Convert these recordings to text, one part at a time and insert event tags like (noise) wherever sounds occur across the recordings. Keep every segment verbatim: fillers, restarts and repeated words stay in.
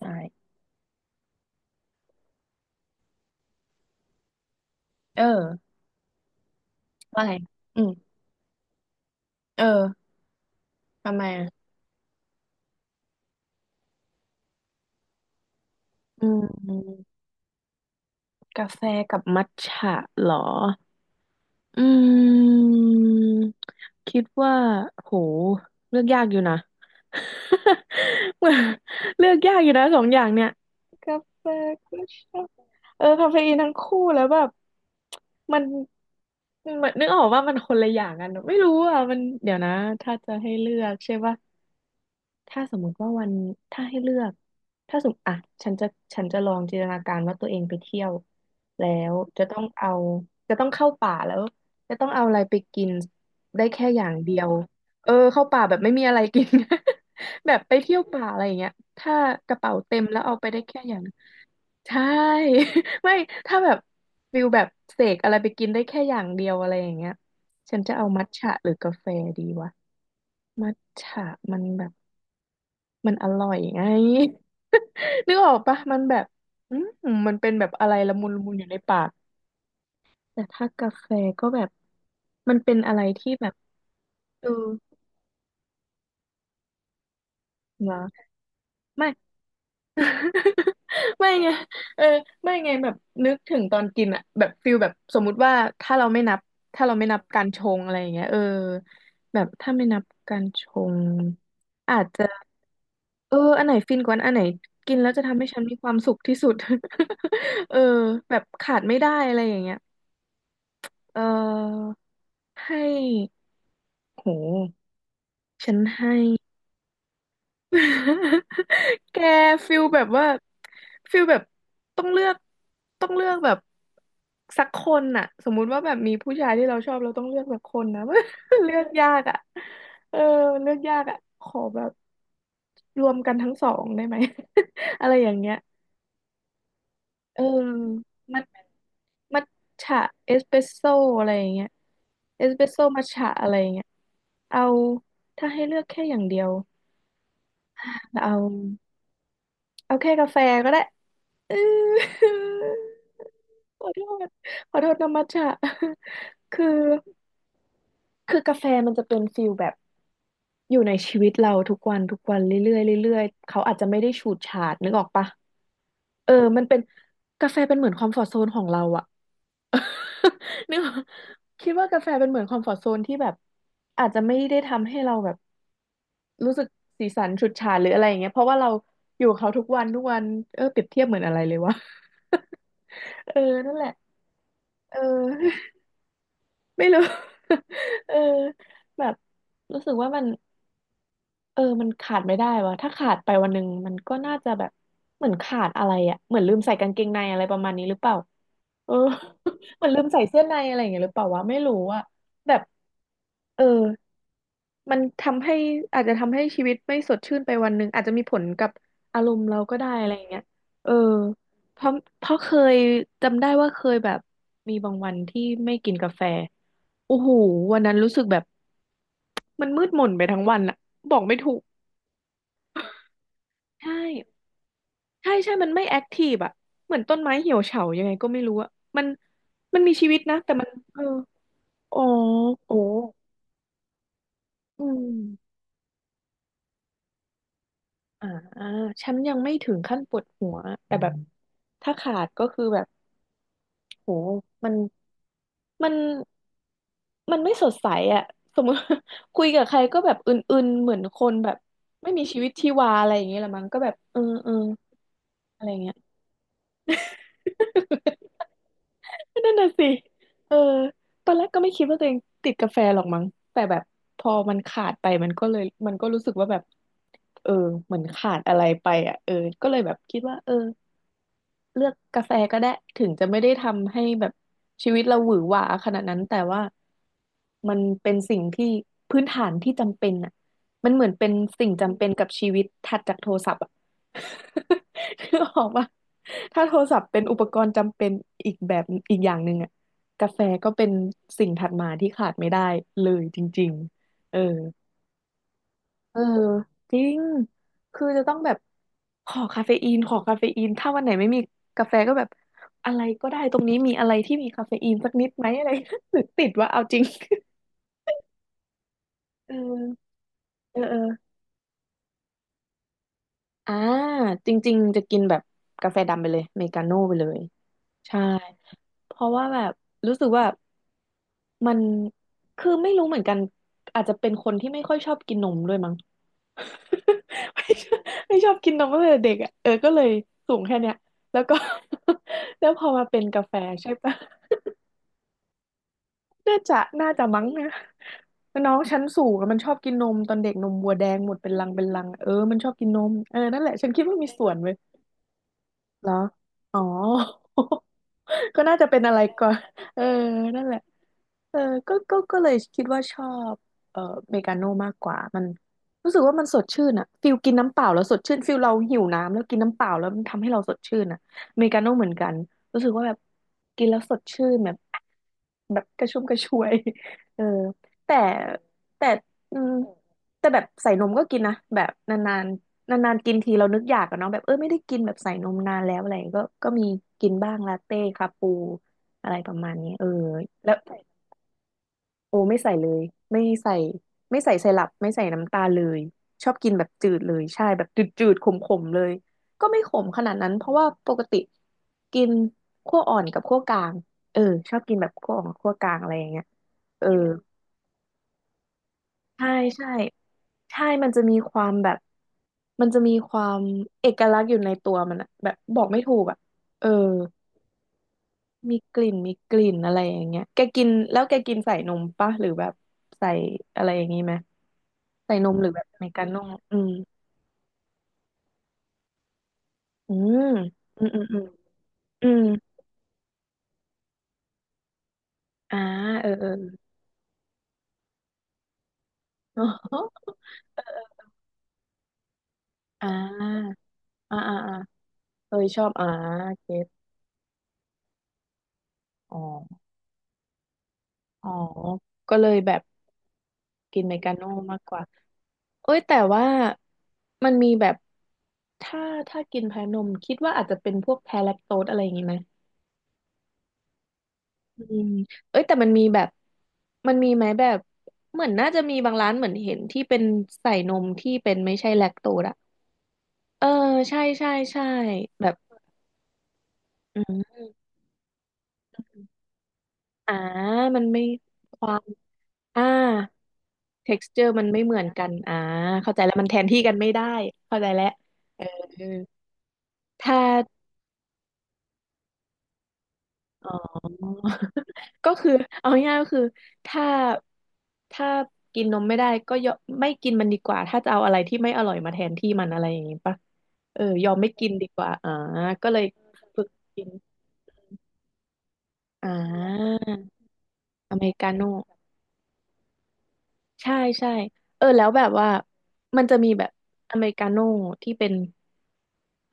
ใช่เออว่าอะไรอืมเออทำไมอ่ะอืมกาแฟกับมัทฉะเหรออืมคิดว่าโหเลือกยากอยู่นะ (laughs) เหมือนเลือกยากอยู่นะสองอย่างเนี่ยกาแฟก็ชอบเออคาเฟอีนทั้งคู่แล้วแบบมันมันนึกออกว่ามันคนละอย่างกันไม่รู้อ่ะมันเดี๋ยวนะถ้าจะให้เลือกใช่ปะ ถ้าสมมุติว่าวันถ้าให้เลือกถ้าสมมติอ่ะฉันจะฉันจะลองจินตนาการว่าตัวเองไปเที่ยวแล้วจะต้องเอาจะต้องเข้าป่าแล้วจะต้องเอาอะไรไปกินได้แค่อย่างเดียวเออเข้าป่าแบบไม่มีอะไรกิน (laughs) แบบไปเที่ยวป่าอะไรอย่างเงี้ยถ้ากระเป๋าเต็มแล้วเอาไปได้แค่อย่างใช่ (laughs) ไม่ถ้าแบบฟิลแบบเสกอะไรไปกินได้แค่อย่างเดียวอะไรอย่างเงี้ยฉันจะเอามัทฉะหรือกาแฟดีวะมัทฉะมันแบบ มันอร่อยไง (laughs) นึกออกปะมันแบบอืมมันเป็นแบบอะไรละมุนละมุนอยู่ในปากแต่ถ้ากาแฟก็แบบมันเป็นอะไรที่แบบเออเหรอไม่ (laughs) ไม่ไงเออไม่ไงแบบนึกถึงตอนกินอะแบบฟิลแบบสมมุติว่าถ้าเราไม่นับถ้าเราไม่นับการชงอะไรอย่างเงี้ยเออแบบถ้าไม่นับการชงอาจจะ เอออันไหนฟินกว่าอันไหนกินแล้วจะทำให้ฉันมีความสุขที่สุด (laughs) เออแบบขาดไม่ได้อะไรอย่างเงี้ยเออให้โหฉันให้ (laughs) แกฟิลแบบว่าฟิลแบบต้องเลือกต้องเลือกแบบสักคนน่ะสมมุติว่าแบบมีผู้ชายที่เราชอบเราต้องเลือกสักคนนะ (laughs) เลือกยากอ่ะเออเลือกยากอ่ะขอแบบรวมกันทั้งสองได้ไหม (laughs) อะไรอย่างเงี้ย เออมัทมัทฉะเอสเปรสโซ่อะไรอย่างเงี้ยเอสเปรสโซ่มัทฉะอะไรอย่างเงี้ยเอาถ้าให้เลือกแค่อย่างเดียวเอาเอาแค่กาแฟก็ได้ (laughs) เออขอโทษขอโทษนะมัทฉะ (laughs) คือคือกาแฟมันจะเป็นฟิลแบบอยู่ในชีวิตเราทุกวันทุกวันเรื่อยๆเรื่อยๆเขาอาจจะไม่ได้ฉูดฉาดนึกออกปะ เออมันเป็นกาแฟเป็นเหมือนคอมฟอร์ z โซนของเราอะ (laughs) นึกว่าคิดว่ากาแฟเป็นเหมือนคอมฟอร์ z โซนที่แบบอาจจะไม่ได้ทำให้เราแบบรู้สึกสีสันฉูดฉาดหรืออะไรอย่างเงี้ยเพราะว่าเราอยู่กับเขาทุกวันทุกวันเออเปรียบเทียบเหมือนอะไรเลยวะ (laughs) เออนั่นแหละเออ (laughs) ไม่รู้ (laughs) เออแบบรู้สึกว่ามันเออมันขาดไม่ได้วะถ้าขาดไปวันหนึ่งมันก็น่าจะแบบเหมือนขาดอะไรอะเหมือนลืมใส่กางเกงในอะไรประมาณนี้หรือเปล่า เออ (laughs) เหมันลืมใส่เสื้อในอะไรอย่างเงี้ยหรือเปล่าวะไม่รู้อะแบบเออมันทำให้อาจจะทำให้ชีวิตไม่สดชื่นไปวันหนึ่งอาจจะมีผลกับอารมณ์เราก็ได้อะไรอย่างเงี้ยเออเพราะเพราะเคยจำได้ว่าเคยแบบมีบางวันที่ไม่กินกาแฟโอ้โหวันนั้นรู้สึกแบบมันมืดหม่นไปทั้งวันอะบอกไม่ถูกใช่ใช่ใช่มันไม่แอคทีฟอะเหมือนต้นไม้เหี่ยวเฉายังไงก็ไม่รู้อะมันมันมีชีวิตนะแต่มันเอออ๋อโอ้ อืมอ่าฉันยังไม่ถึงขั้นปวดหัวแต่แบบถ้าขาดก็คือแบบโหมันมันมันไม่สดใสอะสมมติ (laughs) คุยกับใครก็แบบอื่นๆเหมือนคนแบบไม่มีชีวิตชีวาอะไรอย่างเงี้ยละมั้งก็แบบเออเอออะไรเงี้ย (laughs) นั่นน่ะสิเออตอนแรกก็ไม่คิดว่าตัวเองติดกาแฟหรอกมั้งแต่แบบพอมันขาดไปมันก็เลยมันก็รู้สึกว่าแบบเออเหมือนขาดอะไรไปอ่ะเออก็เลยแบบคิดว่าเออ เลือกกาแฟก็ได้ถึงจะไม่ได้ทำให้แบบชีวิตเราหวือหวาขนาดนั้นแต่ว่ามันเป็นสิ่งที่พื้นฐานที่จำเป็นอ่ะมันเหมือนเป็นสิ่งจำเป็นกับชีวิตถัดจากโทรศัพท์อ่ะ (laughs) คือออกว่าถ้าโทรศัพท์เป็นอุปกรณ์จำเป็นอีกแบบอีกอย่างหนึ่งอ่ะกาแฟก็เป็นสิ่งถัดมาที่ขาดไม่ได้เลยจริงๆเออเออจริงคือจะต้องแบบขอคาเฟอีนขอคาเฟอีนถ้าวันไหนไม่มีกาแฟก็แบบ อะไรก็ได้ตรงนี้มีอะไรที่มีคาเฟอีนสักนิดไหมอะไร (laughs) หรือติดว่าเอาจริง (laughs) เออเออเอออ่าจริงๆจะกินแบบกาแฟดำไปเลยเมกาโน่ไปเลยใช่เพราะว่าแบบรู้สึกว่ามันคือไม่รู้เหมือนกันอาจจะเป็นคนที่ไม่ค่อยชอบกินนมด้วยมั้ง (laughs) ไม่ชอบไม่ชอบกินนมตั้งแต่เด็กอ่ะเออก็เลยสูงแค่เนี้ยแล้วก็ (laughs) แล้วพอมาเป็นกาแฟใช่ปะ น่าจะน่าจะมั้งนะน้องชั้นสูงอะมันชอบกินนมตอนเด็กนมวัวแดงหมดเป็นลังเป็นลังเออมันชอบกินนมเออนั่นแหละฉันคิดว่ามีส่วนเว้ย เหรออ๋อ (laughs) ก็น่าจะเป็นอะไรก่อนเออนั่นแหละเออก็ก็ก็เลยคิดว่าชอบเอ่อเมกาโน่มากกว่ามันรู้สึกว่ามันสดชื่นอะฟิลกินน้ำเปล่าแล้วสดชื่นฟิลเราหิวน้ำแล้วกินน้ำเปล่าแล้วมันทำให้เราสดชื่นอะเมกาโน่เหมือนกันรู้สึกว่าแบบกินแล้วสดชื่นแบบแบบกระชุ่มกระชวยเออแต่แต่อืมแต่แบบใส่นมก็กินนะแบบนาน นานๆกินทีเรานึกอยากอะเนาะแบบเออไม่ได้กินแบบใส่นมนานแล้วอะไรอย่างเงี้ยก็ก็มีกินบ้างลาเต้คาปูอะไรประมาณนี้เออแล้วโอไม่ใส่เลยไม่ใส่ไม่ใส่ไซรัปไม่ใส่น้ำตาลเลยชอบกินแบบจืดเลยใช่แบบจืดๆขมๆเลยก็ไม่ขมขนาดนั้นเพราะว่าปกติกินคั่วอ่อนกับคั่วกลางเออชอบกินแบบคั่วอ่อนกับคั่วกลางอะไรอย่างเงี้ยเออ ใช่ใช่ใช่มันจะมีความแบบมันจะมีความเอกลักษณ์อยู่ในตัวมันอะแบบบอกไม่ถูกอะเออมีกลิ่นมีกลิ่นอะไรอย่างเงี้ยแกกินแล้วแกกินใส่นมปะหรือแบบใส่อะไรอย่างงี้ไหมใส่นมหรือแบบอเมริกาโน่อืมอืมอืมอืมอืมอืมอ่าเออเออ (laughs) อ๋ออ่าอ่าอ่าอ่าเออชอบอ่าเก็ตอ๋ออ๋อก็เลยแบบกินอเมริกาโน่มากกว่า เอ้ยแต่ว่ามันมีแบบถ้าถ้ากินแพ้นมคิดว่าอาจจะเป็นพวกแพ้แลคโตสอะไรอย่างงี้ไหมอืมเอ้ยแต่มันมีแบบมันมีไหมแบบเหมือนน่าจะมีบางร้านเหมือนเห็นที่เป็นใส่นมที่เป็นไม่ใช่แลคโตสอะเออใช่ใช่ใช่แบบอืมอ่ามันไม่ความอ่า texture มันไม่เหมือนกันอ่าเข้าใจแล้วมันแทนที่กันไม่ได้เข้าใจแล้วเออถ้า อ๋อ (laughs) ก็คือเอาง่ายๆก็คือถ้าถ้ากินนมไม่ได้ก็ยอมไม่กินมันดีกว่าถ้าจะเอาอะไรที่ไม่อร่อยมาแทนที่มันอะไรอย่างงี้ปะเออยอมไม่กินดีกว่าอ่าก็เลยฝึกกินอ่าอเมริกาโน่ ใช่ใช่เออแล้วแบบว่ามันจะมีแบบอเมริกาโน่ที่เป็น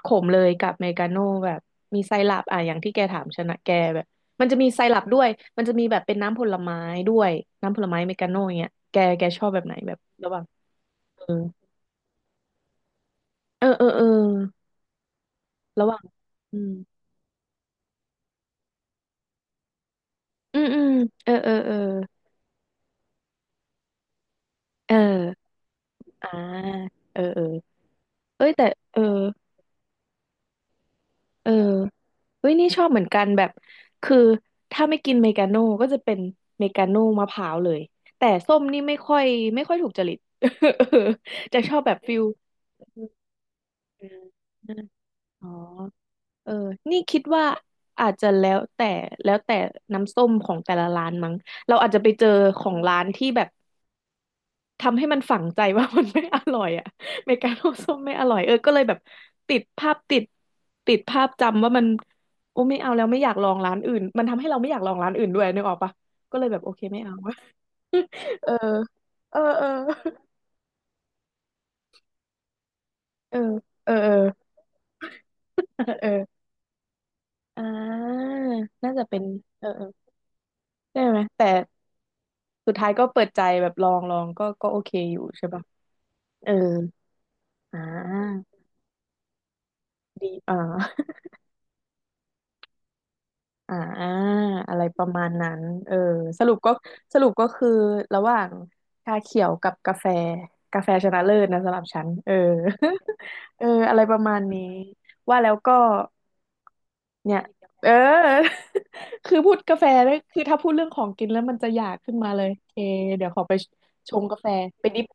ขมเลยกับอเมริกาโน่แบบมีไซรัปอ่ะอย่างที่แกถามชนะแกแบบมันจะมีไซรัปด้วยมันจะมีแบบเป็นน้ำผลไม้ด้วยน้ำผลไม้อเมริกาโน่อย่างเงี้ยแกแกชอบแบบไหนแบบระหว่างเออเออเออเออระหว่างอืมอืมอืมเออเออเออเอออ่าเออเออเอ้ยแต่เออเออ เฮ้ยนี่ชอบเหมือนกันแบบคือถ้าไม่กินเมกาโน่ก็จะเป็นเมกาโน่มะพร้าวเลยแต่ส้มนี่ไม่ค่อยไม่ค่อยถูกจริต (laughs) เออจะชอบแบบฟิลอืมอ๋อเออนี่คิดว่าอาจจะแล้วแต่แล้วแต่น้ำส้มของแต่ละร้านมั้งเราอาจจะไปเจอของร้านที่แบบ ทำให้มันฝังใจว่า (laughs) มันไม่อร่อยอะเมกาโนส้มไม่อร่อยเออก็เลยแบบติดภาพติดติดภาพจำว่ามันโอ้ไม่เอาแล้วไม่อยากลองร้านอื่นมันทำให้เราไม่อยากลองร้านอื่นด้วยนึกออกปะก็เลยแบบโอเคไม่เอา (laughs) เออเออเออเออเออเออเอออ่าน่าจะเป็นเออเออใช่ไหมแต่สุดท้ายก็เปิดใจแบบลองลองก็ก็โอเคอยู่ใช่ปะเอออ่าดีอ่า อ่าอะไรประมาณนั้นเออสรุปก็สรุปก็คือระหว่างชาเขียวกับกาแฟกาแฟชนะเลิศนะสำหรับฉันเออ (laughs) เอออะไรประมาณนี้ว่าแล้วก็เนี่ยเออ (laughs) คือพูดกาแฟแล้วคือถ้าพูดเรื่องของกินแล้วมันจะอยากขึ้นมาเลยเคเดี๋ยวขอไปชงกาแฟไปดิบ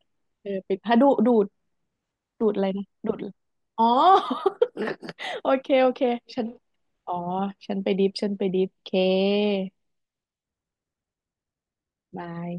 เออไปถ้าดูดูดดูดอะไรนะดูดอ๋อ (laughs) โอเคโอเคฉันอ๋อฉันไปดิฟฉันไปดิฟเค บาย